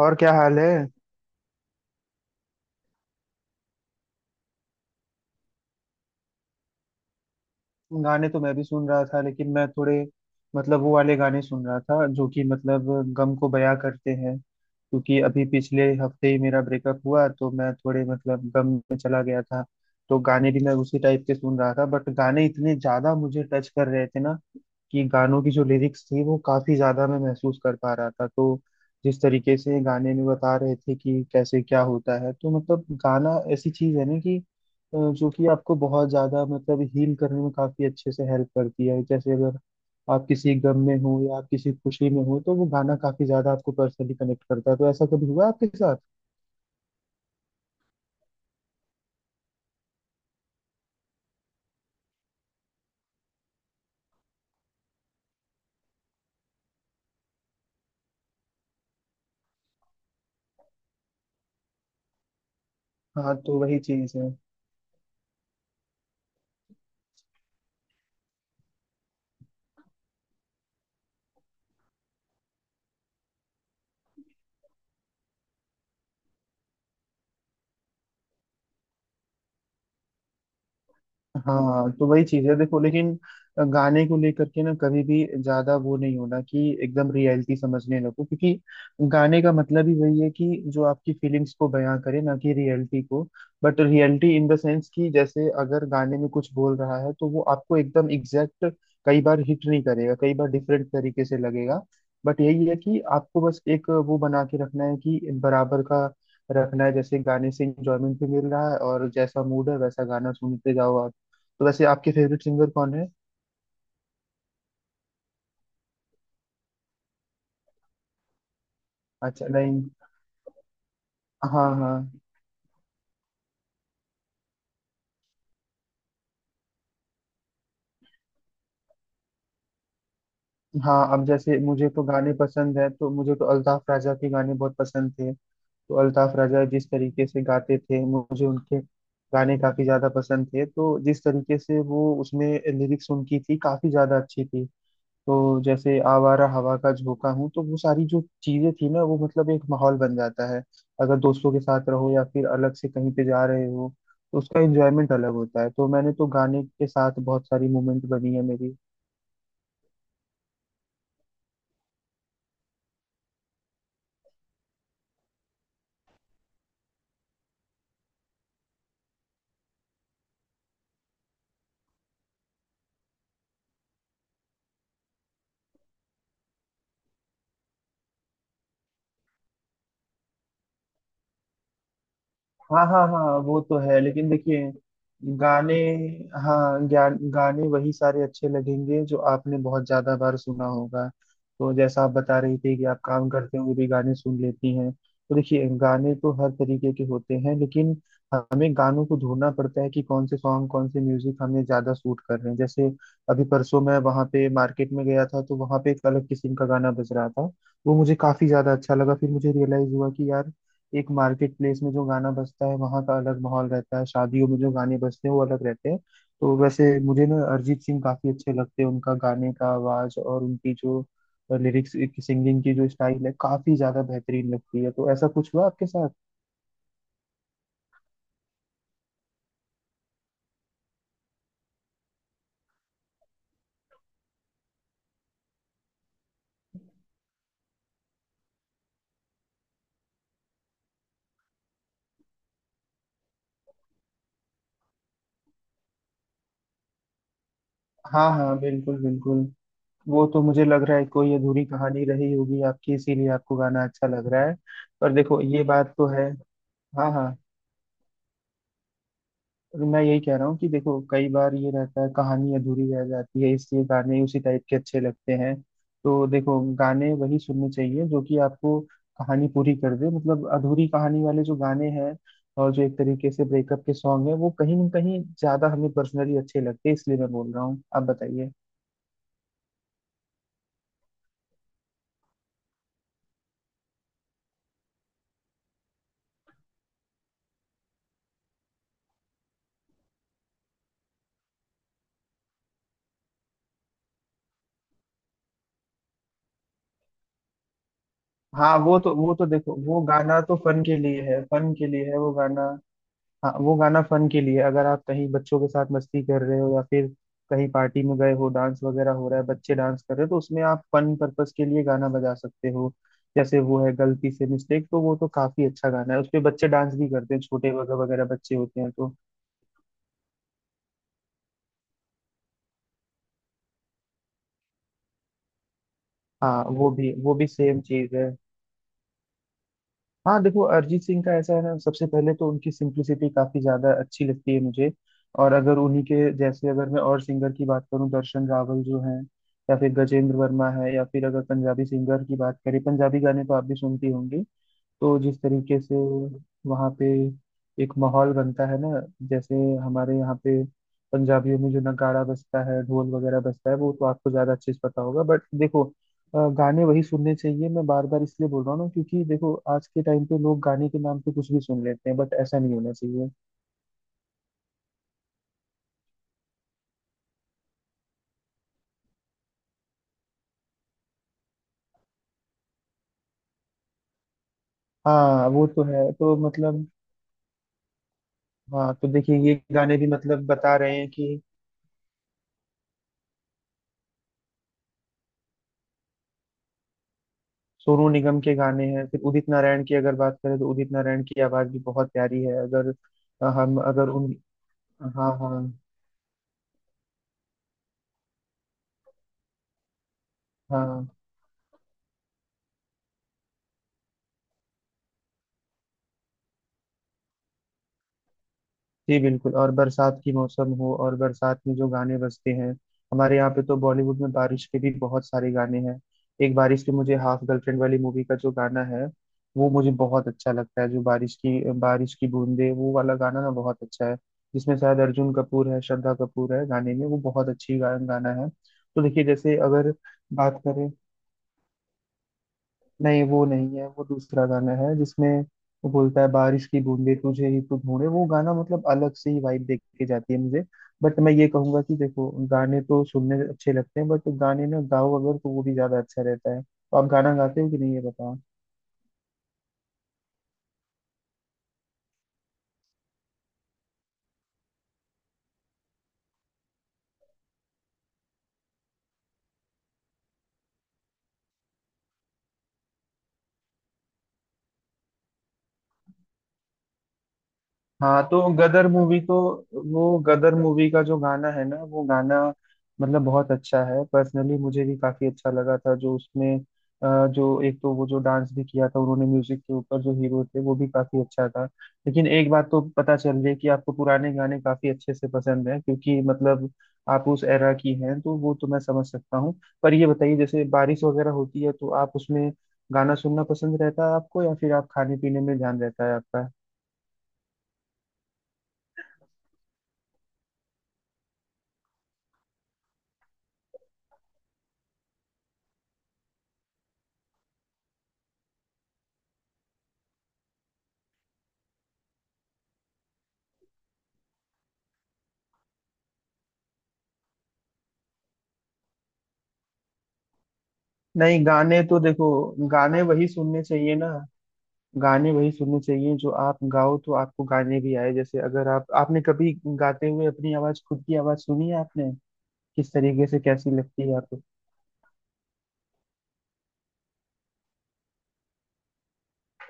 और क्या हाल है? गाने तो मैं भी सुन रहा था, लेकिन मैं थोड़े मतलब वो वाले गाने सुन रहा था जो कि मतलब गम को बयां करते हैं। क्योंकि अभी पिछले हफ्ते ही मेरा ब्रेकअप हुआ, तो मैं थोड़े मतलब गम में चला गया था। तो गाने भी मैं उसी टाइप के सुन रहा था, बट गाने इतने ज्यादा मुझे टच कर रहे थे ना कि गानों की जो लिरिक्स थी वो काफी ज्यादा मैं महसूस कर पा रहा था। तो जिस तरीके से गाने में बता रहे थे कि कैसे क्या होता है, तो मतलब गाना ऐसी चीज है ना कि जो कि आपको बहुत ज़्यादा मतलब हील करने में काफ़ी अच्छे से हेल्प करती है। जैसे अगर आप किसी गम में हो या आप किसी खुशी में हो तो वो गाना काफ़ी ज़्यादा आपको पर्सनली कनेक्ट करता है। तो ऐसा कभी हुआ आपके साथ? हाँ तो वही चीज़ है। हाँ तो वही चीज है। देखो, लेकिन गाने को लेकर के ना कभी भी ज्यादा वो नहीं होना कि एकदम रियलिटी समझने लगो। क्योंकि गाने का मतलब ही वही है कि जो आपकी फीलिंग्स को बयां करे, ना कि रियलिटी को। But reality in the sense कि जैसे अगर गाने में कुछ बोल रहा है तो वो आपको एकदम एग्जैक्ट कई बार हिट नहीं करेगा, कई बार डिफरेंट तरीके से लगेगा। बट यही है कि आपको बस एक वो बना के रखना है कि बराबर का रखना है। जैसे गाने से इंजॉयमेंट भी मिल रहा है, और जैसा मूड है वैसा गाना सुनते जाओ आप। तो वैसे आपके फेवरेट सिंगर कौन है? अच्छा नहीं। हाँ हाँ हाँ। अब जैसे मुझे तो गाने पसंद है तो मुझे तो अल्ताफ राजा के गाने बहुत पसंद थे। तो अल्ताफ राजा जिस तरीके से गाते थे मुझे उनके गाने काफी ज्यादा पसंद थे। तो जिस तरीके से वो उसमें लिरिक्स उनकी थी काफी ज्यादा अच्छी थी। तो जैसे आवारा हवा का झोंका हूँ, तो वो सारी जो चीजें थी ना वो मतलब एक माहौल बन जाता है। अगर दोस्तों के साथ रहो या फिर अलग से कहीं पे जा रहे हो तो उसका एंजॉयमेंट अलग होता है। तो मैंने तो गाने के साथ बहुत सारी मोमेंट बनी है मेरी। हाँ हाँ हाँ। वो तो है लेकिन देखिए गाने, हाँ ज्ञान गाने वही सारे अच्छे लगेंगे जो आपने बहुत ज्यादा बार सुना होगा। तो जैसा आप बता रही थी कि आप काम करते हुए भी गाने सुन लेती हैं, तो देखिए गाने तो हर तरीके के होते हैं, लेकिन हमें गानों को ढूंढना पड़ता है कि कौन से सॉन्ग कौन से म्यूजिक हमें ज्यादा सूट कर रहे हैं। जैसे अभी परसों मैं वहाँ पे मार्केट में गया था तो वहाँ पे एक अलग किस्म का गाना बज रहा था, वो मुझे काफी ज्यादा अच्छा लगा। फिर मुझे रियलाइज हुआ कि यार एक मार्केट प्लेस में जो गाना बजता है वहाँ का अलग माहौल रहता है, शादियों में जो गाने बजते हैं वो अलग रहते हैं। तो वैसे मुझे ना अरिजीत सिंह काफी अच्छे लगते हैं, उनका गाने का आवाज और उनकी जो लिरिक्स की सिंगिंग की जो स्टाइल है काफी ज्यादा बेहतरीन लगती है। तो ऐसा कुछ हुआ आपके साथ? हाँ हाँ बिल्कुल बिल्कुल। वो तो मुझे लग रहा है कोई अधूरी कहानी रही होगी आपकी, इसीलिए आपको गाना अच्छा लग रहा है। पर देखो ये बात तो है। हाँ हाँ। और मैं यही कह रहा हूँ कि देखो कई बार ये रहता है कहानी अधूरी रह जाती है, इसलिए गाने उसी टाइप के अच्छे लगते हैं। तो देखो गाने वही सुनने चाहिए जो कि आपको कहानी पूरी कर दे, मतलब अधूरी कहानी वाले जो गाने हैं और जो एक तरीके से ब्रेकअप के सॉन्ग है वो कहीं ना कहीं ज्यादा हमें पर्सनली अच्छे लगते हैं। इसलिए मैं बोल रहा हूँ, आप बताइए। हाँ वो तो देखो वो गाना तो फन के लिए है, फन के लिए है वो गाना। हाँ वो गाना फन के लिए अगर आप कहीं बच्चों के साथ मस्ती कर रहे हो या फिर कहीं पार्टी में गए हो डांस वगैरह हो रहा है बच्चे डांस कर रहे हो तो उसमें आप फन पर्पस के लिए गाना बजा सकते हो। जैसे वो है गलती से मिस्टेक, तो वो तो काफी अच्छा गाना है, उस पे बच्चे डांस भी करते हैं, छोटे वगैरह वगैरह बच्चे होते हैं तो। हाँ वो भी सेम चीज है। हाँ देखो अरिजीत सिंह का ऐसा है ना, सबसे पहले तो उनकी सिंप्लिसिटी काफी ज्यादा अच्छी लगती है मुझे। और अगर उन्हीं के जैसे अगर मैं और सिंगर की बात करूँ दर्शन रावल जो है या फिर गजेंद्र वर्मा है या फिर अगर पंजाबी सिंगर की बात करें पंजाबी गाने तो आप भी सुनती होंगी। तो जिस तरीके से वहाँ पे एक माहौल बनता है ना, जैसे हमारे यहाँ पे पंजाबियों में जो नगाड़ा बजता है ढोल वगैरह बजता है वो तो आपको ज़्यादा अच्छे से पता होगा। बट देखो गाने वही सुनने चाहिए, मैं बार बार इसलिए बोल रहा हूँ ना क्योंकि देखो आज के टाइम पे लोग गाने के नाम पे कुछ भी सुन लेते हैं, बट ऐसा नहीं होना चाहिए। हाँ वो तो है, तो मतलब हाँ तो देखिए ये गाने भी मतलब बता रहे हैं कि सोनू निगम के गाने हैं। फिर उदित नारायण की अगर बात करें तो उदित नारायण की आवाज भी बहुत प्यारी है। अगर हम अगर उन। हाँ हाँ हाँ। जी बिल्कुल, और बरसात की मौसम हो और बरसात में जो गाने बजते हैं हमारे यहाँ पे, तो बॉलीवुड में बारिश के भी बहुत सारे गाने हैं। एक बारिश के मुझे हाफ गर्लफ्रेंड वाली मूवी का जो गाना है वो मुझे बहुत अच्छा लगता है, जो बारिश की बूंदे वो वाला गाना ना बहुत अच्छा है। जिसमें शायद अर्जुन कपूर है, श्रद्धा कपूर है गाने में। वो बहुत अच्छी गाना है तो देखिए जैसे अगर बात करें, नहीं वो नहीं है वो दूसरा गाना है जिसमें वो बोलता है बारिश की बूंदे तुझे ही तो ढूंढे। वो गाना मतलब अलग से ही वाइब देके के जाती है मुझे। बट मैं ये कहूंगा कि देखो गाने तो सुनने अच्छे लगते हैं, बट गाने में गाओ अगर तो वो भी ज्यादा अच्छा रहता है। तो आप गाना गाते हो कि नहीं ये बताओ? हाँ तो गदर मूवी तो वो गदर मूवी का जो गाना है ना वो गाना मतलब बहुत अच्छा है, पर्सनली मुझे भी काफी अच्छा लगा था। जो उसमें जो एक तो वो जो डांस भी किया था उन्होंने म्यूजिक के ऊपर जो हीरो थे वो भी काफी अच्छा था। लेकिन एक बात तो पता चल रही है कि आपको पुराने गाने काफी अच्छे से पसंद है, क्योंकि मतलब आप उस एरा की हैं तो वो तो मैं समझ सकता हूँ। पर ये बताइए जैसे बारिश वगैरह होती है तो आप उसमें गाना सुनना पसंद रहता है आपको या फिर आप खाने पीने में ध्यान रहता है आपका? नहीं गाने तो देखो गाने वही सुनने चाहिए ना, गाने वही सुनने चाहिए जो आप गाओ तो आपको गाने भी आए। जैसे अगर आप आपने कभी गाते हुए अपनी आवाज, खुद की आवाज सुनी है आपने किस तरीके से कैसी लगती है आपको?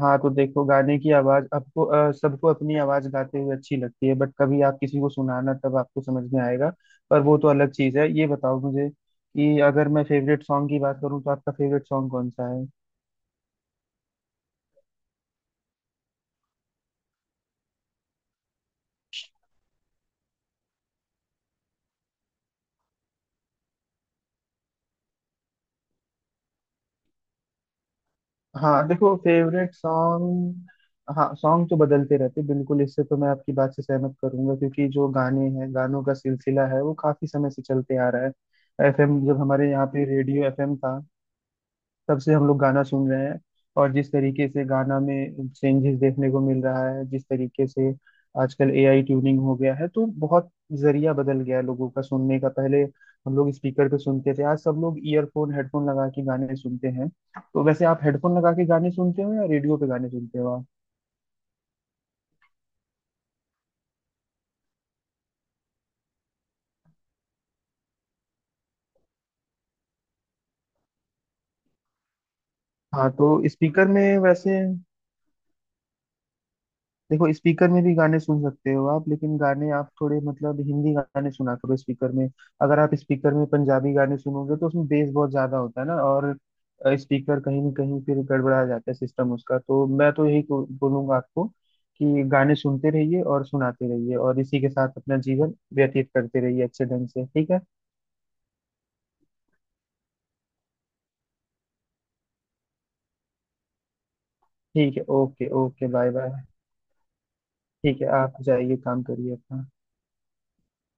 हाँ तो देखो गाने की आवाज आपको सबको अपनी आवाज गाते हुए अच्छी लगती है, बट कभी आप किसी को सुनाना तब आपको समझ में आएगा। पर वो तो अलग चीज है, ये बताओ मुझे कि अगर मैं फेवरेट सॉन्ग की बात करूँ तो आपका फेवरेट सॉन्ग कौन सा है? हाँ देखो फेवरेट सॉन्ग, हाँ सॉन्ग तो बदलते रहते हैं, बिल्कुल इससे तो मैं आपकी बात से सहमत करूंगा क्योंकि जो गाने हैं गानों का सिलसिला है वो काफी समय से चलते आ रहा है। एफएम, जब हमारे यहाँ पे रेडियो एफएम था तब से हम लोग गाना सुन रहे हैं। और जिस तरीके से गाना में चेंजेस देखने को मिल रहा है, जिस तरीके से आजकल एआई ट्यूनिंग हो गया है तो बहुत जरिया बदल गया है लोगों का सुनने का। पहले हम लोग स्पीकर पे सुनते थे, आज सब लोग ईयरफोन हेडफोन लगा के गाने सुनते हैं। तो वैसे आप हेडफोन लगा के गाने सुनते हो या रेडियो पे गाने सुनते हो आप? हाँ तो स्पीकर में वैसे देखो स्पीकर में भी गाने सुन सकते हो आप, लेकिन गाने आप थोड़े मतलब हिंदी गाने सुना करो स्पीकर में। अगर आप स्पीकर में पंजाबी गाने सुनोगे तो उसमें बेस बहुत ज्यादा होता है ना, और स्पीकर कहीं ना कहीं फिर गड़बड़ा जाता है सिस्टम उसका। तो मैं तो यही बोलूंगा आपको कि गाने सुनते रहिए और सुनाते रहिए और इसी के साथ अपना जीवन व्यतीत करते रहिए अच्छे ढंग से, ठीक है? ठीक है, ओके ओके बाय बाय। ठीक है आप जाइए काम करिए अपना।